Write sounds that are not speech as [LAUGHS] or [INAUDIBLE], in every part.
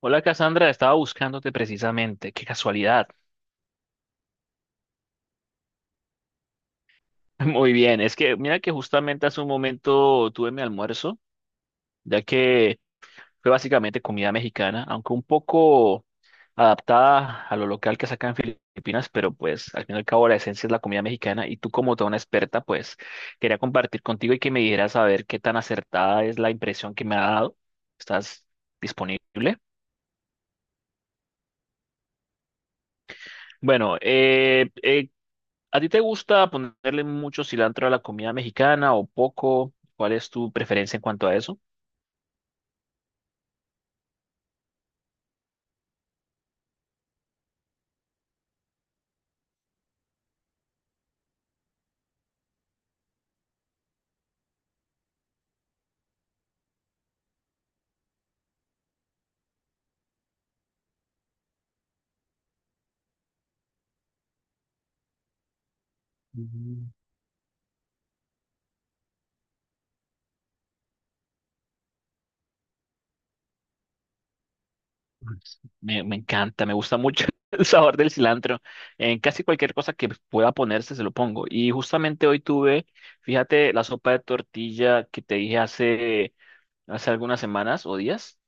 Hola Cassandra, estaba buscándote precisamente, qué casualidad. [LAUGHS] Muy bien, es que mira que justamente hace un momento tuve mi almuerzo, ya que fue básicamente comida mexicana, aunque un poco adaptada a lo local que sacan en Filipinas, pero pues al fin y al cabo la esencia es la comida mexicana y tú como toda una experta, pues quería compartir contigo y que me dijeras a ver qué tan acertada es la impresión que me ha dado. ¿Estás disponible? Bueno, ¿A ti te gusta ponerle mucho cilantro a la comida mexicana o poco? ¿Cuál es tu preferencia en cuanto a eso? Mm, pues, me encanta, me gusta mucho [LAUGHS] el sabor del cilantro. En casi cualquier cosa que pueda ponerse se lo pongo. Y justamente hoy tuve, fíjate, la sopa de tortilla que te dije hace algunas semanas o días.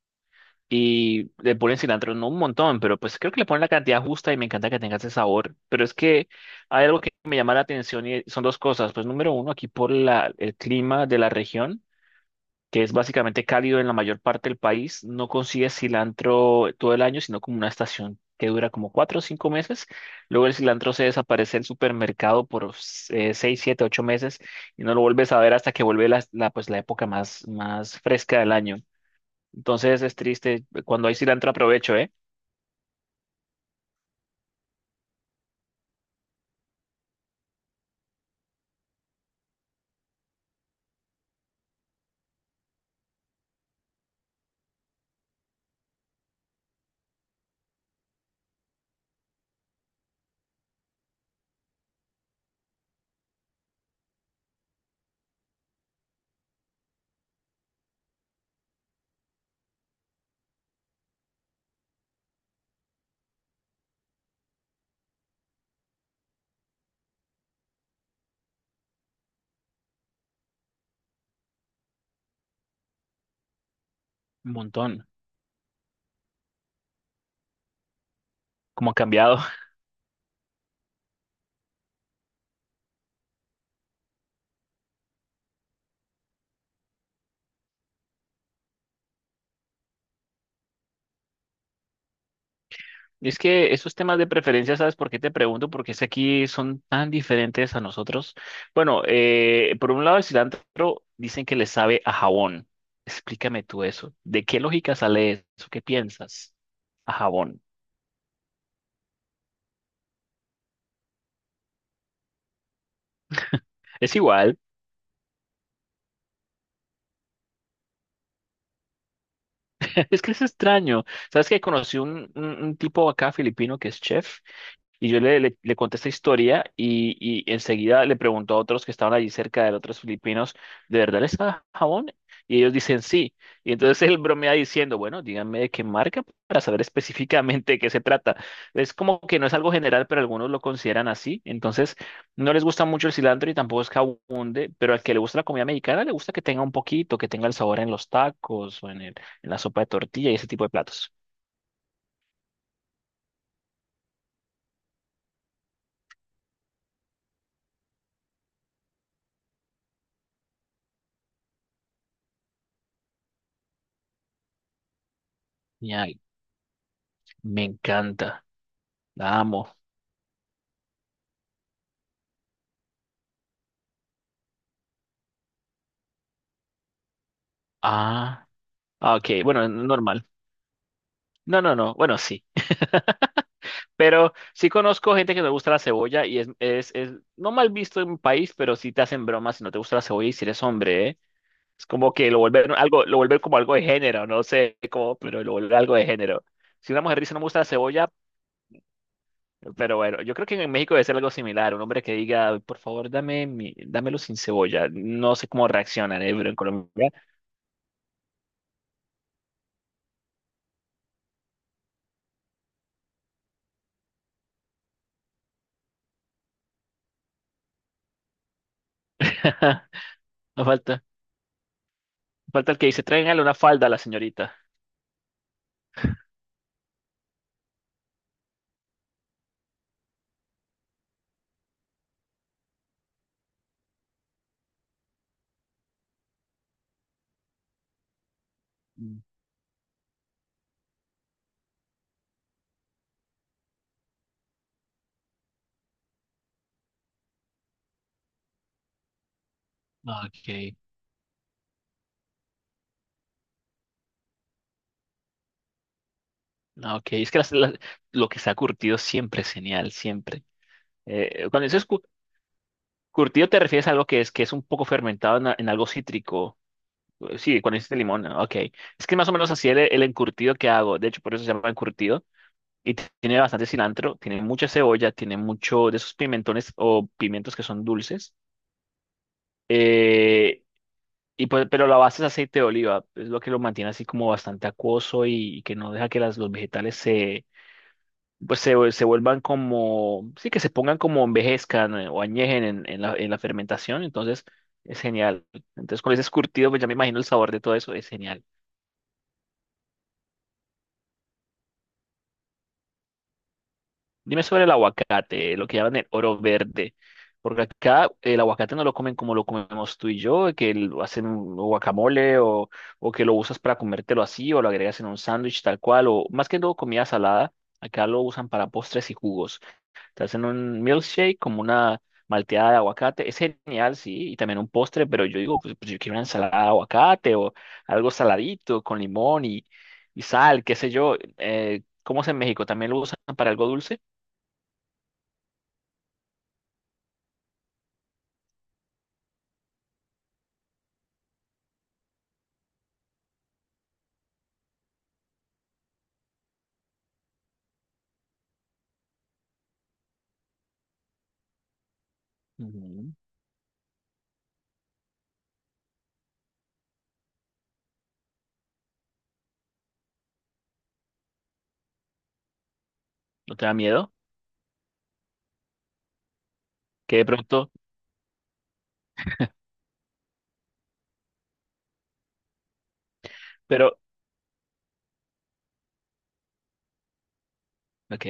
Y le ponen cilantro, no un montón, pero pues creo que le ponen la cantidad justa y me encanta que tenga ese sabor. Pero es que hay algo que me llama la atención y son dos cosas. Pues número uno, aquí por el clima de la región, que es básicamente cálido en la mayor parte del país, no consigues cilantro todo el año, sino como una estación que dura como cuatro o cinco meses. Luego el cilantro se desaparece del supermercado por seis, siete, ocho meses y no lo vuelves a ver hasta que vuelve pues, la época más fresca del año. Entonces es triste. Cuando hay cilantro aprovecho, ¿eh? Un montón. Como cambiado. [LAUGHS] Y es que esos temas de preferencia, ¿sabes por qué te pregunto? Porque es que aquí son tan diferentes a nosotros. Bueno, por un lado el cilantro dicen que le sabe a jabón. Explícame tú eso. ¿De qué lógica sale eso? ¿Qué piensas? A jabón. Es igual. [LAUGHS] Es que es extraño. ¿Sabes que conocí un tipo acá filipino que es chef? Y yo le conté esta historia y enseguida le preguntó a otros que estaban allí cerca de él, otros filipinos, ¿de verdad les da jabón? Y ellos dicen sí. Y entonces él bromea diciendo, bueno, díganme de qué marca para saber específicamente de qué se trata. Es como que no es algo general, pero algunos lo consideran así. Entonces, no les gusta mucho el cilantro y tampoco es que abunde, pero al que le gusta la comida mexicana le gusta que tenga un poquito, que tenga el sabor en los tacos o en en la sopa de tortilla y ese tipo de platos. Ay, me encanta. La amo. Ah. Ah, ok, bueno, normal. No, no, no. Bueno, sí. [LAUGHS] Pero sí conozco gente que no le gusta la cebolla y es no mal visto en un país, pero sí te hacen bromas si no te gusta la cebolla y si eres hombre, ¿eh? Es como que lo vuelven algo, lo vuelven como algo de género, no sé cómo, pero lo vuelven algo de género. Si una mujer dice no me gusta la cebolla, pero bueno, yo creo que en México debe ser algo similar. Un hombre que diga, por favor, dame mi, dámelo sin cebolla. No sé cómo reaccionan, ¿eh? Pero en Colombia. [LAUGHS] No falta, falta el que dice, tráiganle una falda a la señorita. Ah, ok. Ah, ok. Es que lo que está curtido siempre es genial, siempre. Cuando dices curtido te refieres a algo que es un poco fermentado en algo cítrico. Sí, cuando dices limón, ¿no? Ok. Es que más o menos así el encurtido que hago. De hecho, por eso se llama encurtido. Y tiene bastante cilantro, tiene mucha cebolla, tiene mucho de esos pimentones o pimientos que son dulces. Eh, y pues, pero la base es aceite de oliva. Es lo que lo mantiene así como bastante acuoso y que no deja que los vegetales pues se vuelvan como, sí, que se pongan como envejezcan o añejen en en la fermentación, entonces es genial. Entonces con ese escurtido, pues ya me imagino el sabor de todo eso, es genial. Dime sobre el aguacate, lo que llaman el oro verde, porque acá el aguacate no lo comen como lo comemos tú y yo, que lo hacen un guacamole o que lo usas para comértelo así o lo agregas en un sándwich tal cual, o más que todo comida salada, acá lo usan para postres y jugos. Te hacen un milkshake como una malteada de aguacate. Es genial, sí, y también un postre, pero yo digo, pues yo quiero una ensalada de aguacate o algo saladito con limón y sal, qué sé yo. ¿Cómo es en México? ¿También lo usan para algo dulce? Ujú. ¿No te da miedo? Que de pronto, pero, ok,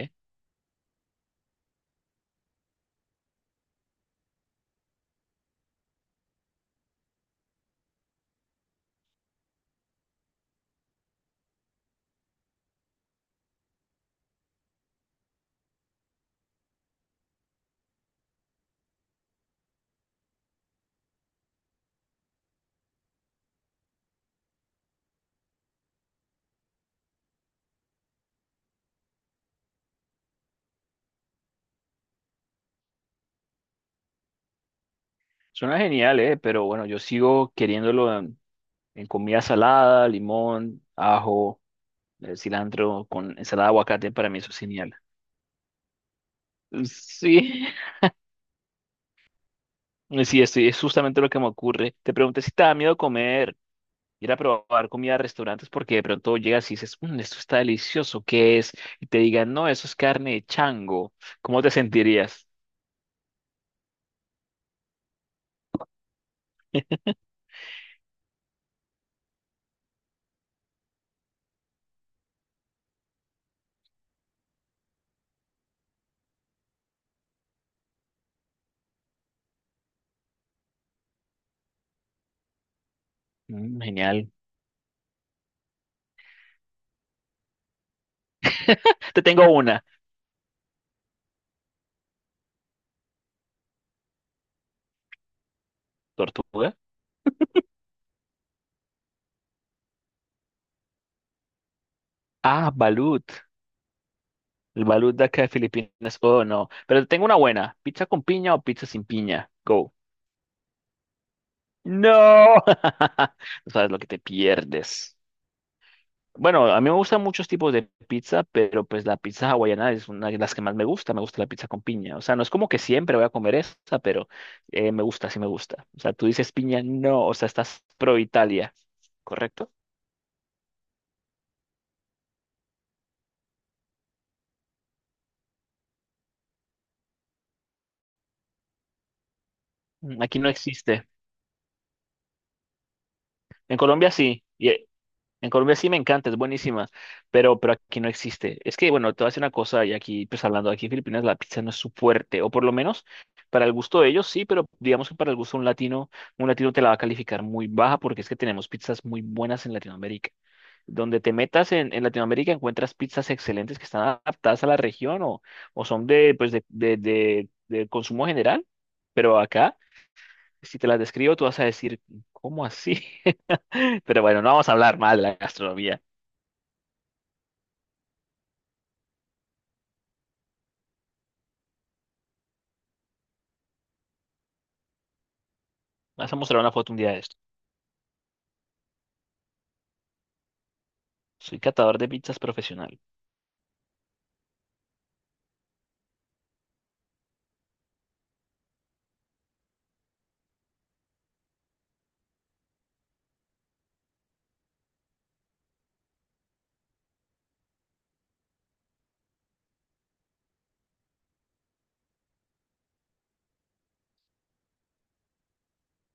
suena genial, ¿eh? Pero bueno, yo sigo queriéndolo en comida salada, limón, ajo, cilantro con ensalada de aguacate, para mí eso es genial. Sí, [LAUGHS] sí, estoy, es justamente lo que me ocurre. Te pregunté si te da miedo comer, ir a probar comida a restaurantes, porque de pronto llegas y dices, "Mm, esto está delicioso, ¿qué es? Y te digan, no, eso es carne de chango. ¿Cómo te sentirías? Mm, genial. Te tengo una. ¿Tortuga? Ah, balut. El balut de acá de Filipinas. Oh, no. Pero te tengo una buena. ¿Pizza con piña o pizza sin piña? Go. No. [LAUGHS] No sabes lo que te pierdes. Bueno, a mí me gustan muchos tipos de pizza, pero pues la pizza hawaiana es una de las que más me gusta. Me gusta la pizza con piña. O sea, no es como que siempre voy a comer esa, pero me gusta, sí me gusta. O sea, tú dices piña, no, o sea, estás pro Italia, ¿correcto? Mm, aquí no existe. En Colombia sí. En Colombia sí me encanta, es buenísima, pero aquí no existe. Es que, bueno, te voy a decir una cosa, y aquí, pues hablando, aquí en Filipinas la pizza no es su fuerte, o por lo menos para el gusto de ellos sí, pero digamos que para el gusto de un latino te la va a calificar muy baja porque es que tenemos pizzas muy buenas en Latinoamérica. Donde te metas en Latinoamérica encuentras pizzas excelentes que están adaptadas a la región o son de, pues de consumo general, pero acá, si te las describo, tú vas a decir, ¿cómo así? [LAUGHS] Pero bueno, no vamos a hablar mal de la gastronomía. Vas a mostrar una foto un día de esto. Soy catador de pizzas profesional.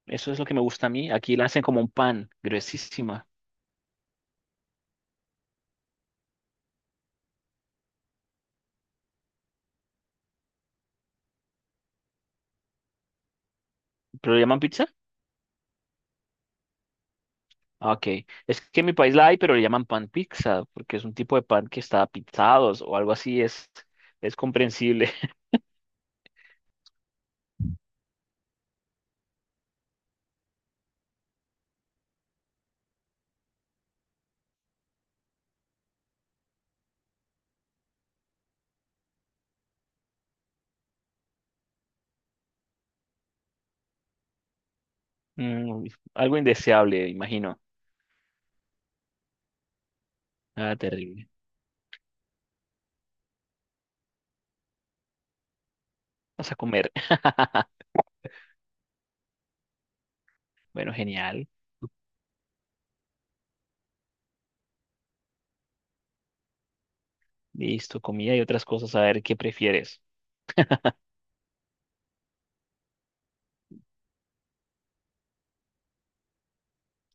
Eso es lo que me gusta a mí. Aquí la hacen como un pan, gruesísima. ¿Pero le llaman pizza? Ah, ok. Es que en mi país la hay, pero le llaman pan pizza, porque es un tipo de pan que está pizzado o algo así. Es comprensible. [LAUGHS] Mm, algo indeseable, imagino. Ah, terrible. Vas a comer. [LAUGHS] Bueno, genial. Listo, comida y otras cosas. A ver qué prefieres.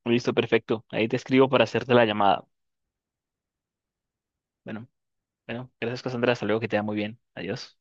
Listo, perfecto. Ahí te escribo para hacerte la llamada. Bueno, bueno, gracias, Cassandra. Hasta luego, que te va muy bien. Adiós.